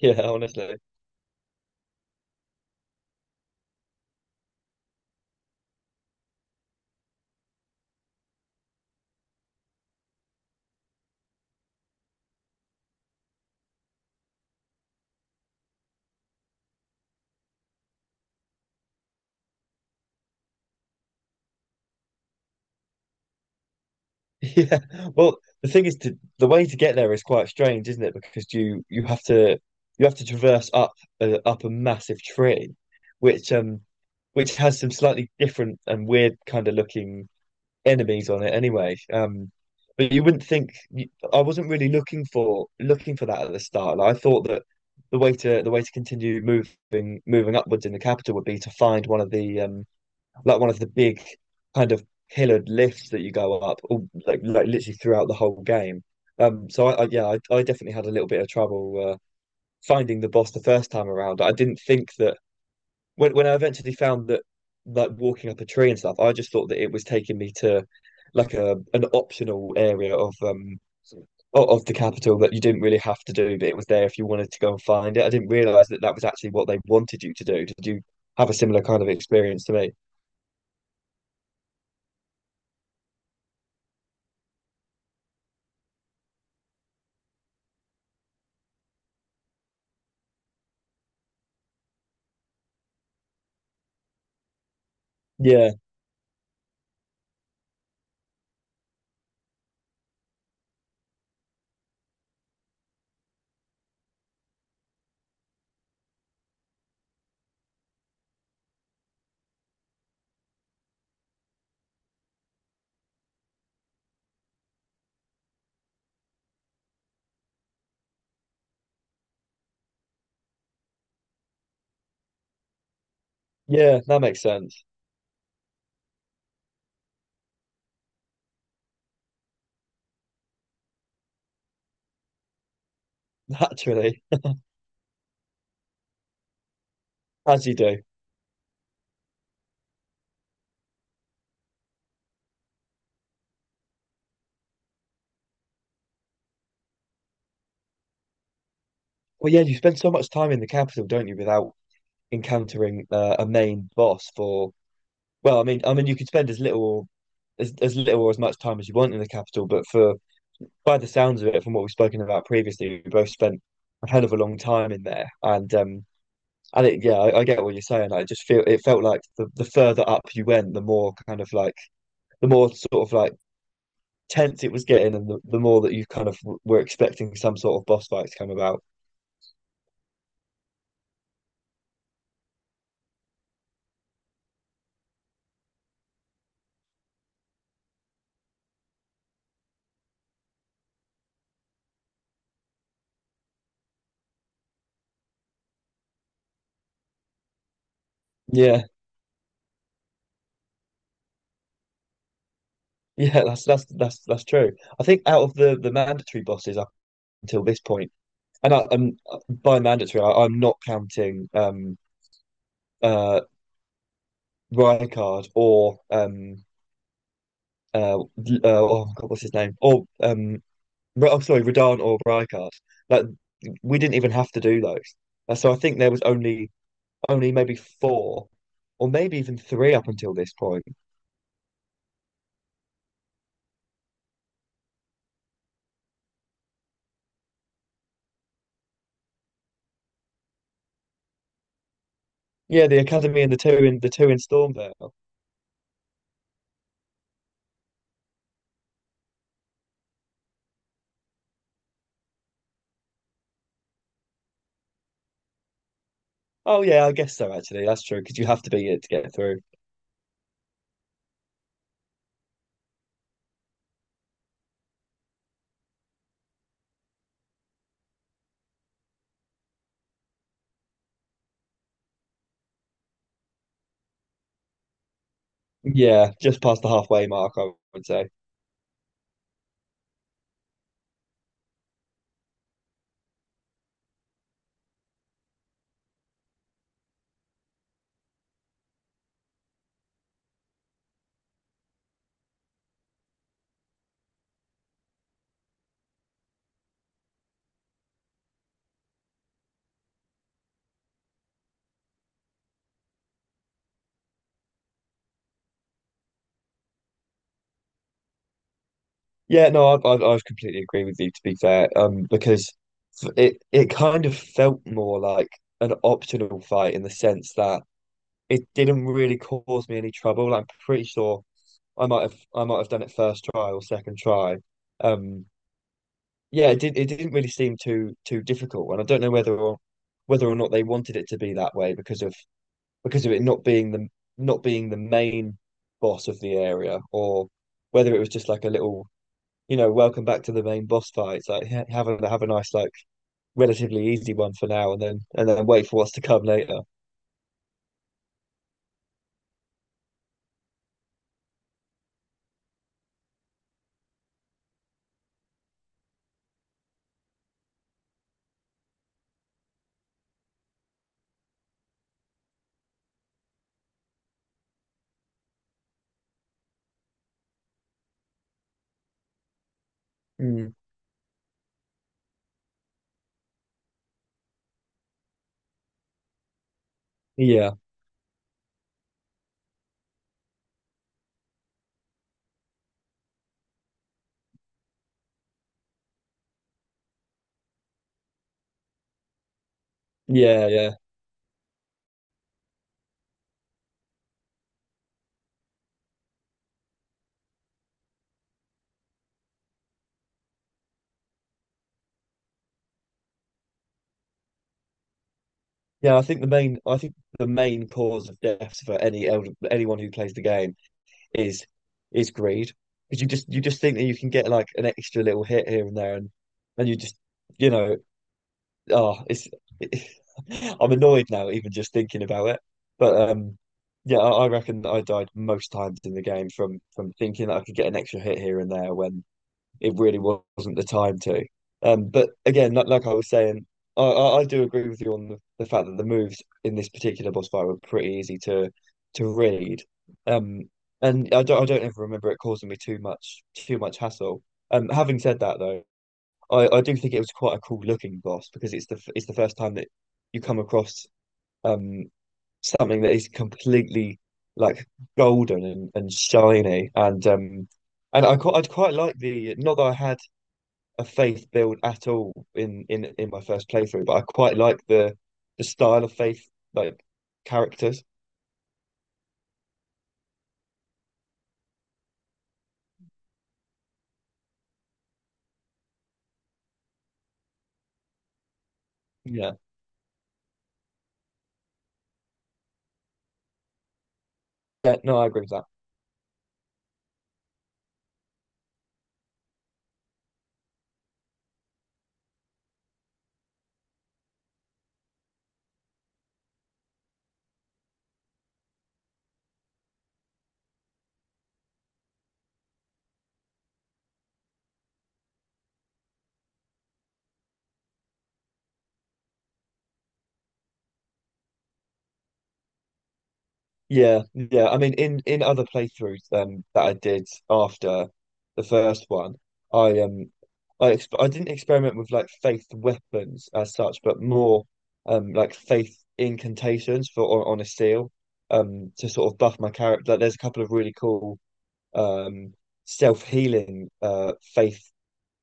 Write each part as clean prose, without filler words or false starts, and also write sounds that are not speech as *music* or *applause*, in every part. Yeah, honestly. *laughs* Yeah. Well, the thing is to the way to get there is quite strange, isn't it? Because you have to you have to traverse up a, up a massive tree, which um which has some slightly different and weird kind of looking enemies on it anyway. But you wouldn't think I wasn't really looking for that at the start. Like, I thought that the way to continue moving upwards in the capital would be to find one of the like one of the big kind of pillared lifts that you go up, all, like literally throughout the whole game. So I yeah, I definitely had a little bit of trouble finding the boss the first time around. I didn't think that when I eventually found that like walking up a tree and stuff, I just thought that it was taking me to like a an optional area of the capital that you didn't really have to do, but it was there if you wanted to go and find it. I didn't realize that that was actually what they wanted you to do. Did you have a similar kind of experience to me? Yeah, yeah, that makes sense. *laughs* Naturally, as you do. Well, yeah, you spend so much time in the capital, don't you, without encountering a main boss for, well, I mean, you could spend as little or as little or as much time as you want in the capital, but for by the sounds of it, from what we've spoken about previously, we both spent a hell of a long time in there, and yeah, I get what you're saying. I just feel it felt like the further up you went, the more kind of like the more sort of like tense it was getting and the more that you kind of were expecting some sort of boss fight to come about. Yeah, *laughs* yeah, that's true. I think out of the mandatory bosses up until this point, and I, and by mandatory, I'm not counting uh Rykard or uh, uh oh God, what's his name? Or I'm sorry, Radan or Rykard. Like we didn't even have to do those. So I think there was only only maybe four or maybe even three up until this point. Yeah, the academy and the two in Stormvale. Oh yeah, I guess so actually. That's true because you have to beat it to get through. Yeah, just past the halfway mark, I would say. Yeah, no, I completely agree with you to be fair. Because it it kind of felt more like an optional fight in the sense that it didn't really cause me any trouble. I'm pretty sure I might have done it first try or second try. Um, yeah, it did. It didn't really seem too too difficult, and I don't know whether or not they wanted it to be that way because of it not being the not being the main boss of the area, or whether it was just like a little, you know, welcome back to the main boss fight. It's like have a nice like relatively easy one for now, and then wait for what's to come later. Mm. Yeah, yeah, yeah, yeah. I think the main I think the main cause of deaths for any anyone who plays the game is is greed because you just think that you can get like an extra little hit here and there and you just you know oh it's *laughs* I'm annoyed now even just thinking about it but yeah I reckon I died most times in the game from thinking that I could get an extra hit here and there when it really wasn't the time to. But again, like I was saying, I do agree with you on the fact that the moves in this particular boss fight were pretty easy to read. Um, and I don't ever remember it causing me too much hassle. Having said that though, I do think it was quite a cool looking boss because it's it's the first time that you come across um something that is completely like golden and shiny and I'd quite like the not that I had a faith build at all in in my first playthrough, but I quite like the style of faith like characters. Yeah. Yeah, no, I agree with that. Yeah, yeah. I mean, in other playthroughs that I did after the first one, I um I didn't experiment with like faith weapons as such, but more like faith incantations for on a seal to sort of buff my character. Like, there's a couple of really cool um self-healing faith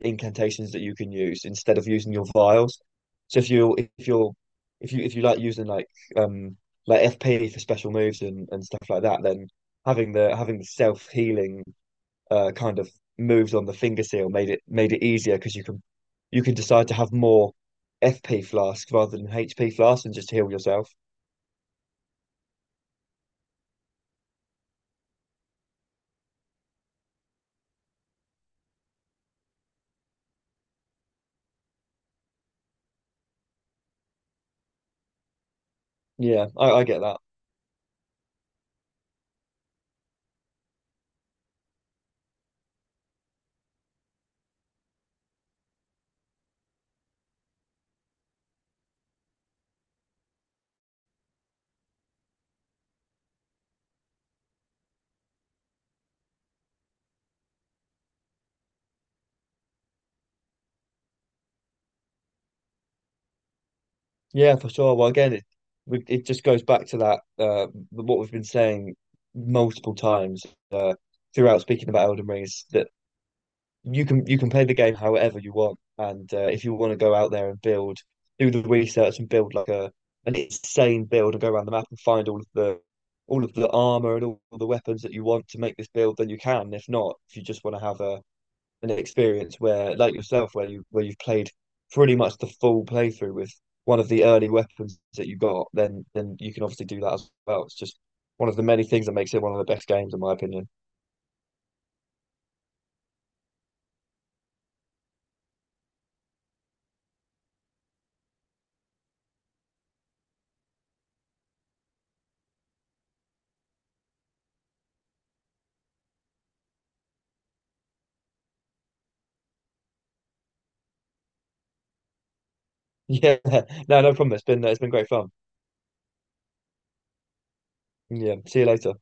incantations that you can use instead of using your vials. So if you like using um like FP for special moves and stuff like that, then having the self healing kind of moves on the finger seal made it easier because you can decide to have more FP flasks rather than HP flasks and just heal yourself. Yeah, I get that. Yeah, for sure. Well, again, it just goes back to that what we've been saying multiple times uh, throughout speaking about Elden Ring is that you can play the game however you want, and if you want to go out there and build, do the research and build like a an insane build and go around the map and find all of the armor and all the weapons that you want to make this build, then you can. If not, if you just want to have a an experience where, like yourself, where you've played pretty much the full playthrough with one of the early weapons that you got, then you can obviously do that as well. It's just one of the many things that makes it one of the best games, in my opinion. *laughs* Yeah, no, no problem. It's been great fun. Yeah, see you later.